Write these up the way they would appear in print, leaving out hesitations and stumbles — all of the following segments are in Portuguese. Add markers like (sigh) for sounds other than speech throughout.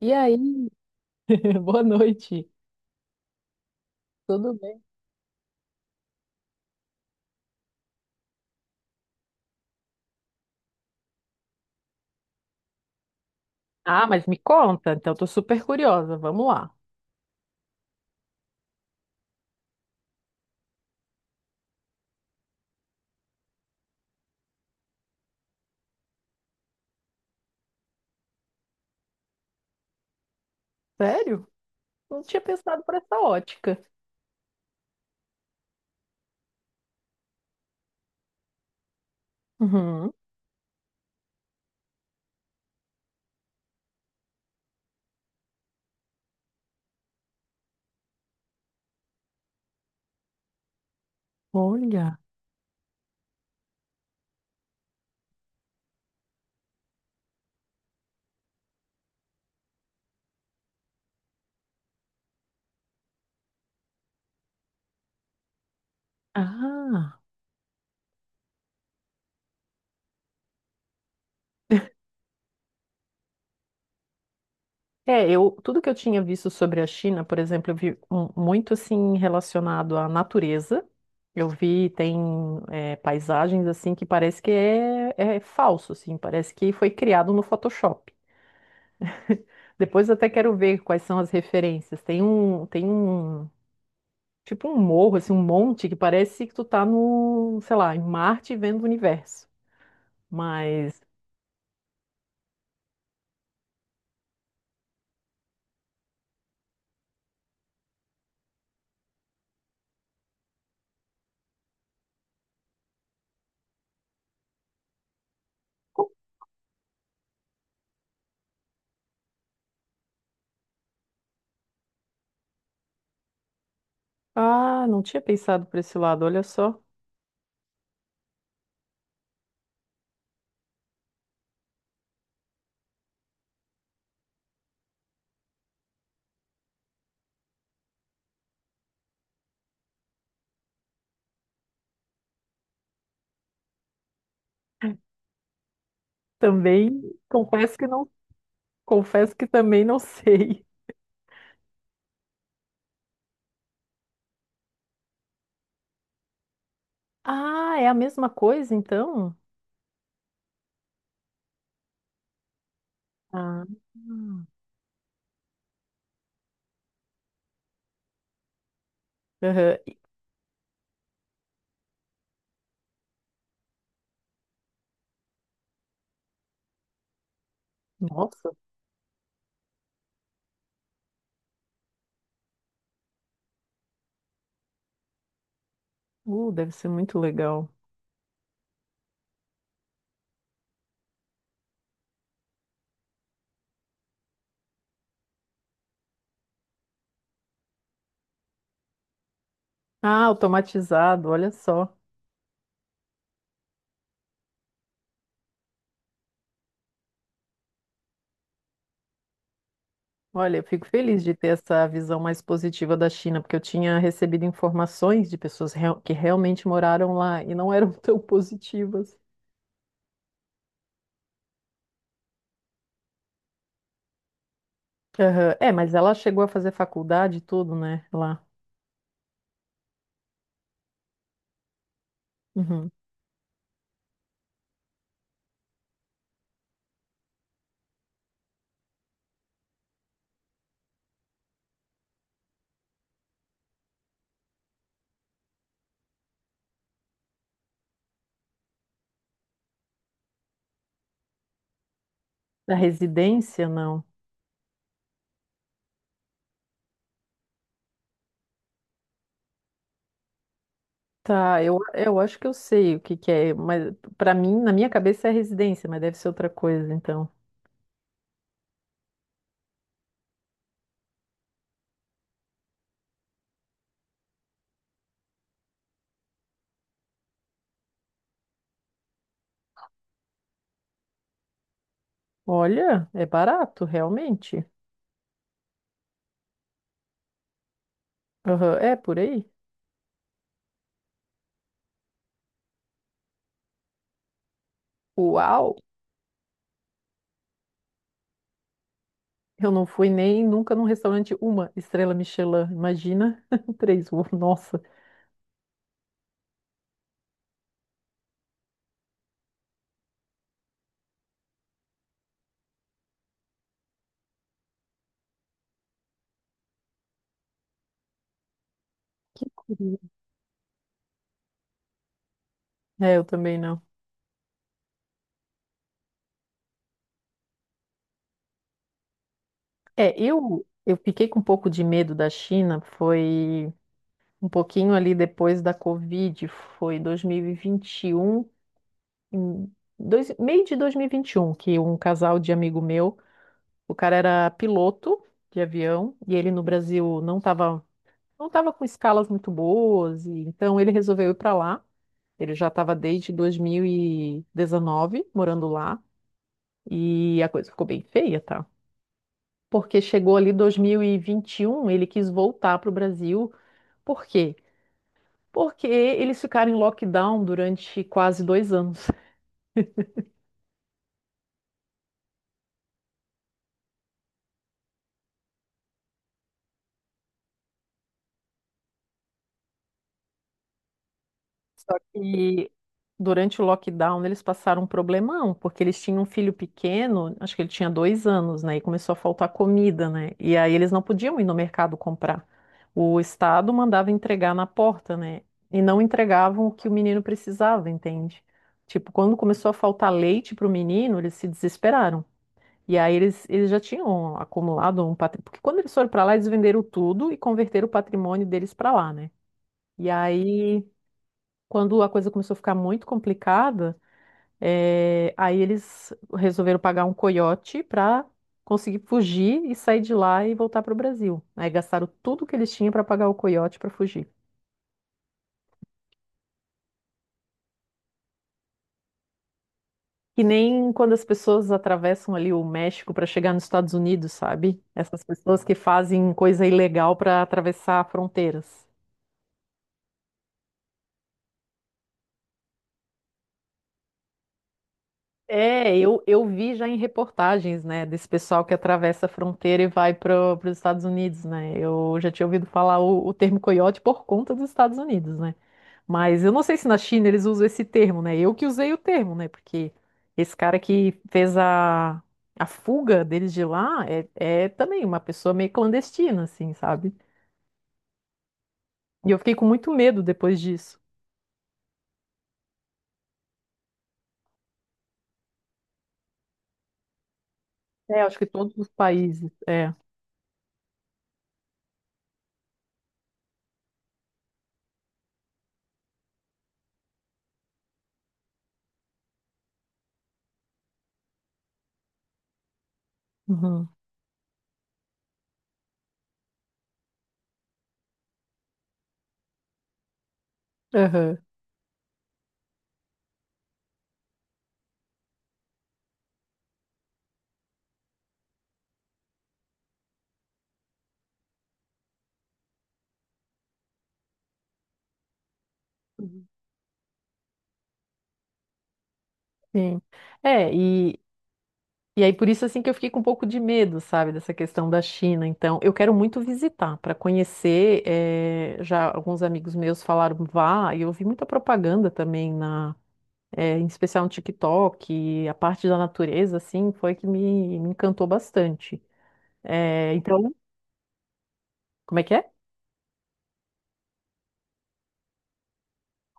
E aí? (laughs) Boa noite. Tudo bem? Ah, mas me conta, então tô super curiosa. Vamos lá. Sério? Não tinha pensado por essa ótica. Uhum. Olha. Ah. É, eu, tudo que eu tinha visto sobre a China, por exemplo, eu vi muito assim relacionado à natureza. Eu vi, tem paisagens assim que parece que é falso, assim, parece que foi criado no Photoshop. Depois eu até quero ver quais são as referências. Tem um Tipo um morro, assim, um monte que parece que tu tá no, sei lá, em Marte vendo o universo. Mas, ah, não tinha pensado por esse lado, olha só. Também confesso que não, confesso que também não sei. Ah, é a mesma coisa então? Ah, hum. Aham. Nossa, deve ser muito legal. Ah, automatizado, olha só. Olha, eu fico feliz de ter essa visão mais positiva da China, porque eu tinha recebido informações de pessoas que realmente moraram lá e não eram (laughs) tão positivas. Aham. É, mas ela chegou a fazer faculdade e tudo, né? Lá. Uhum. Da residência, não. Tá, eu, acho que eu sei o que que é, mas para mim, na minha cabeça é residência, mas deve ser outra coisa, então. Olha, é barato, realmente. Aham. É por aí? Uau! Eu não fui nem nunca num restaurante uma estrela Michelin, imagina (laughs) três, uou, nossa. Que curioso. É, eu também não. É, eu fiquei com um pouco de medo da China, foi um pouquinho ali depois da Covid, foi 2021, em meio de 2021, que um casal de amigo meu, o cara era piloto de avião e ele no Brasil não estava com escalas muito boas, e então ele resolveu ir para lá. Ele já estava desde 2019 morando lá e a coisa ficou bem feia, tá? Porque chegou ali 2021, ele quis voltar para o Brasil. Por quê? Porque eles ficaram em lockdown durante quase 2 anos. Só que durante o lockdown eles passaram um problemão, porque eles tinham um filho pequeno, acho que ele tinha 2 anos, né? E começou a faltar comida, né? E aí eles não podiam ir no mercado comprar. O estado mandava entregar na porta, né? E não entregavam o que o menino precisava, entende? Tipo, quando começou a faltar leite para o menino, eles se desesperaram. E aí eles já tinham acumulado um patrimônio. Porque quando eles foram para lá, eles venderam tudo e converteram o patrimônio deles para lá, né? E aí quando a coisa começou a ficar muito complicada, aí eles resolveram pagar um coiote para conseguir fugir e sair de lá e voltar para o Brasil. Aí gastaram tudo que eles tinham para pagar o coiote para fugir. Que nem quando as pessoas atravessam ali o México para chegar nos Estados Unidos, sabe? Essas pessoas que fazem coisa ilegal para atravessar fronteiras. É, eu, vi já em reportagens, né, desse pessoal que atravessa a fronteira e vai para os Estados Unidos, né? Eu já tinha ouvido falar o termo coiote por conta dos Estados Unidos, né? Mas eu não sei se na China eles usam esse termo, né? Eu que usei o termo, né? Porque esse cara que fez a fuga deles de lá é também uma pessoa meio clandestina, assim, sabe? E eu fiquei com muito medo depois disso. É, acho que todos os países, é. Uhum. Aham. Sim. É, e aí, por isso, assim, que eu fiquei com um pouco de medo, sabe, dessa questão da China. Então, eu quero muito visitar, para conhecer. Já alguns amigos meus falaram, vá, e eu vi muita propaganda também, em especial no TikTok, e a parte da natureza, assim, foi que me encantou bastante. Então, como é que é?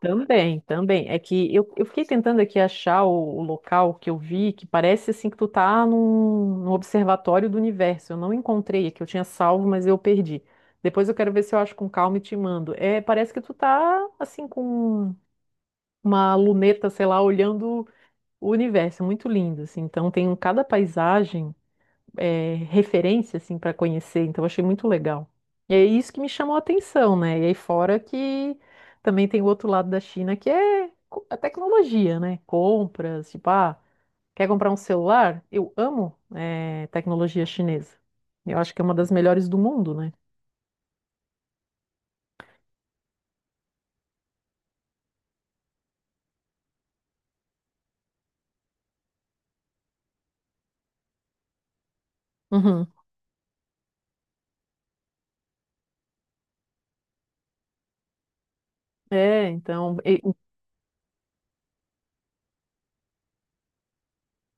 Também, também. É que eu, fiquei tentando aqui achar o local que eu vi, que parece assim que tu tá num observatório do universo. Eu não encontrei aqui, eu tinha salvo, mas eu perdi. Depois eu quero ver se eu acho com calma e te mando. É, parece que tu tá assim com uma luneta, sei lá, olhando o universo. É muito lindo, assim. Então tem cada paisagem referência assim para conhecer, então eu achei muito legal. E é isso que me chamou a atenção, né? E aí fora que também tem o outro lado da China que é a tecnologia, né? Compras, tipo, ah, quer comprar um celular? Eu amo tecnologia chinesa. Eu acho que é uma das melhores do mundo, né? Uhum. É, então, e-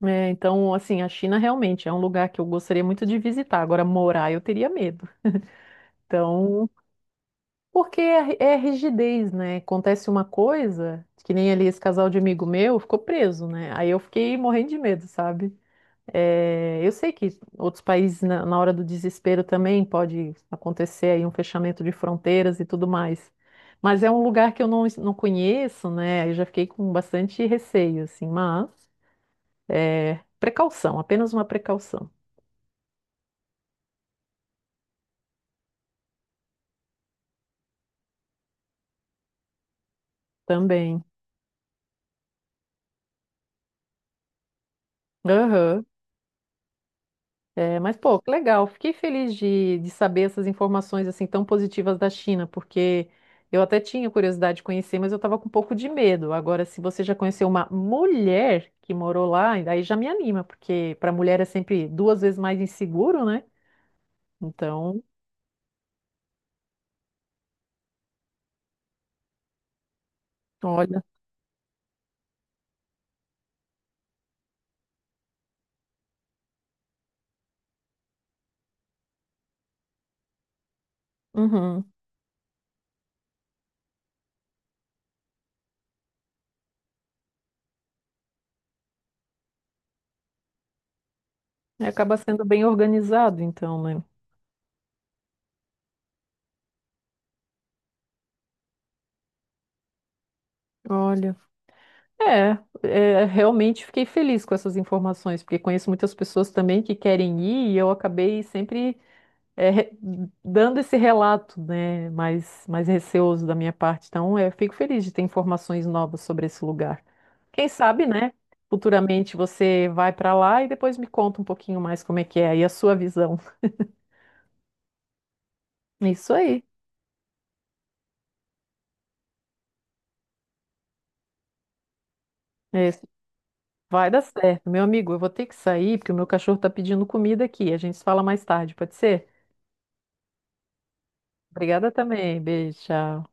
é, então, assim, a China realmente é um lugar que eu gostaria muito de visitar. Agora, morar, eu teria medo. Então, porque é rigidez, né? Acontece uma coisa, que nem ali esse casal de amigo meu ficou preso, né? Aí eu fiquei morrendo de medo, sabe? É, eu sei que outros países, na hora do desespero, também pode acontecer aí um fechamento de fronteiras e tudo mais. Mas é um lugar que eu não, não conheço, né? Aí eu já fiquei com bastante receio, assim, mas precaução, apenas uma precaução também. Aham. É, mas, pô, que legal. Fiquei feliz de saber essas informações assim tão positivas da China, porque eu até tinha curiosidade de conhecer, mas eu estava com um pouco de medo. Agora, se você já conheceu uma mulher que morou lá, aí já me anima, porque para mulher é sempre duas vezes mais inseguro, né? Então, olha. Uhum. É, acaba sendo bem organizado, então, né? Olha. Realmente fiquei feliz com essas informações, porque conheço muitas pessoas também que querem ir e eu acabei sempre é, re- dando esse relato, né, mais, receoso da minha parte. Então, eu fico feliz de ter informações novas sobre esse lugar. Quem sabe, né? Futuramente você vai para lá e depois me conta um pouquinho mais como é que é e a sua visão. Isso aí. É isso. Vai dar certo. Meu amigo, eu vou ter que sair porque o meu cachorro está pedindo comida aqui. A gente se fala mais tarde, pode ser? Obrigada também. Beijo, tchau.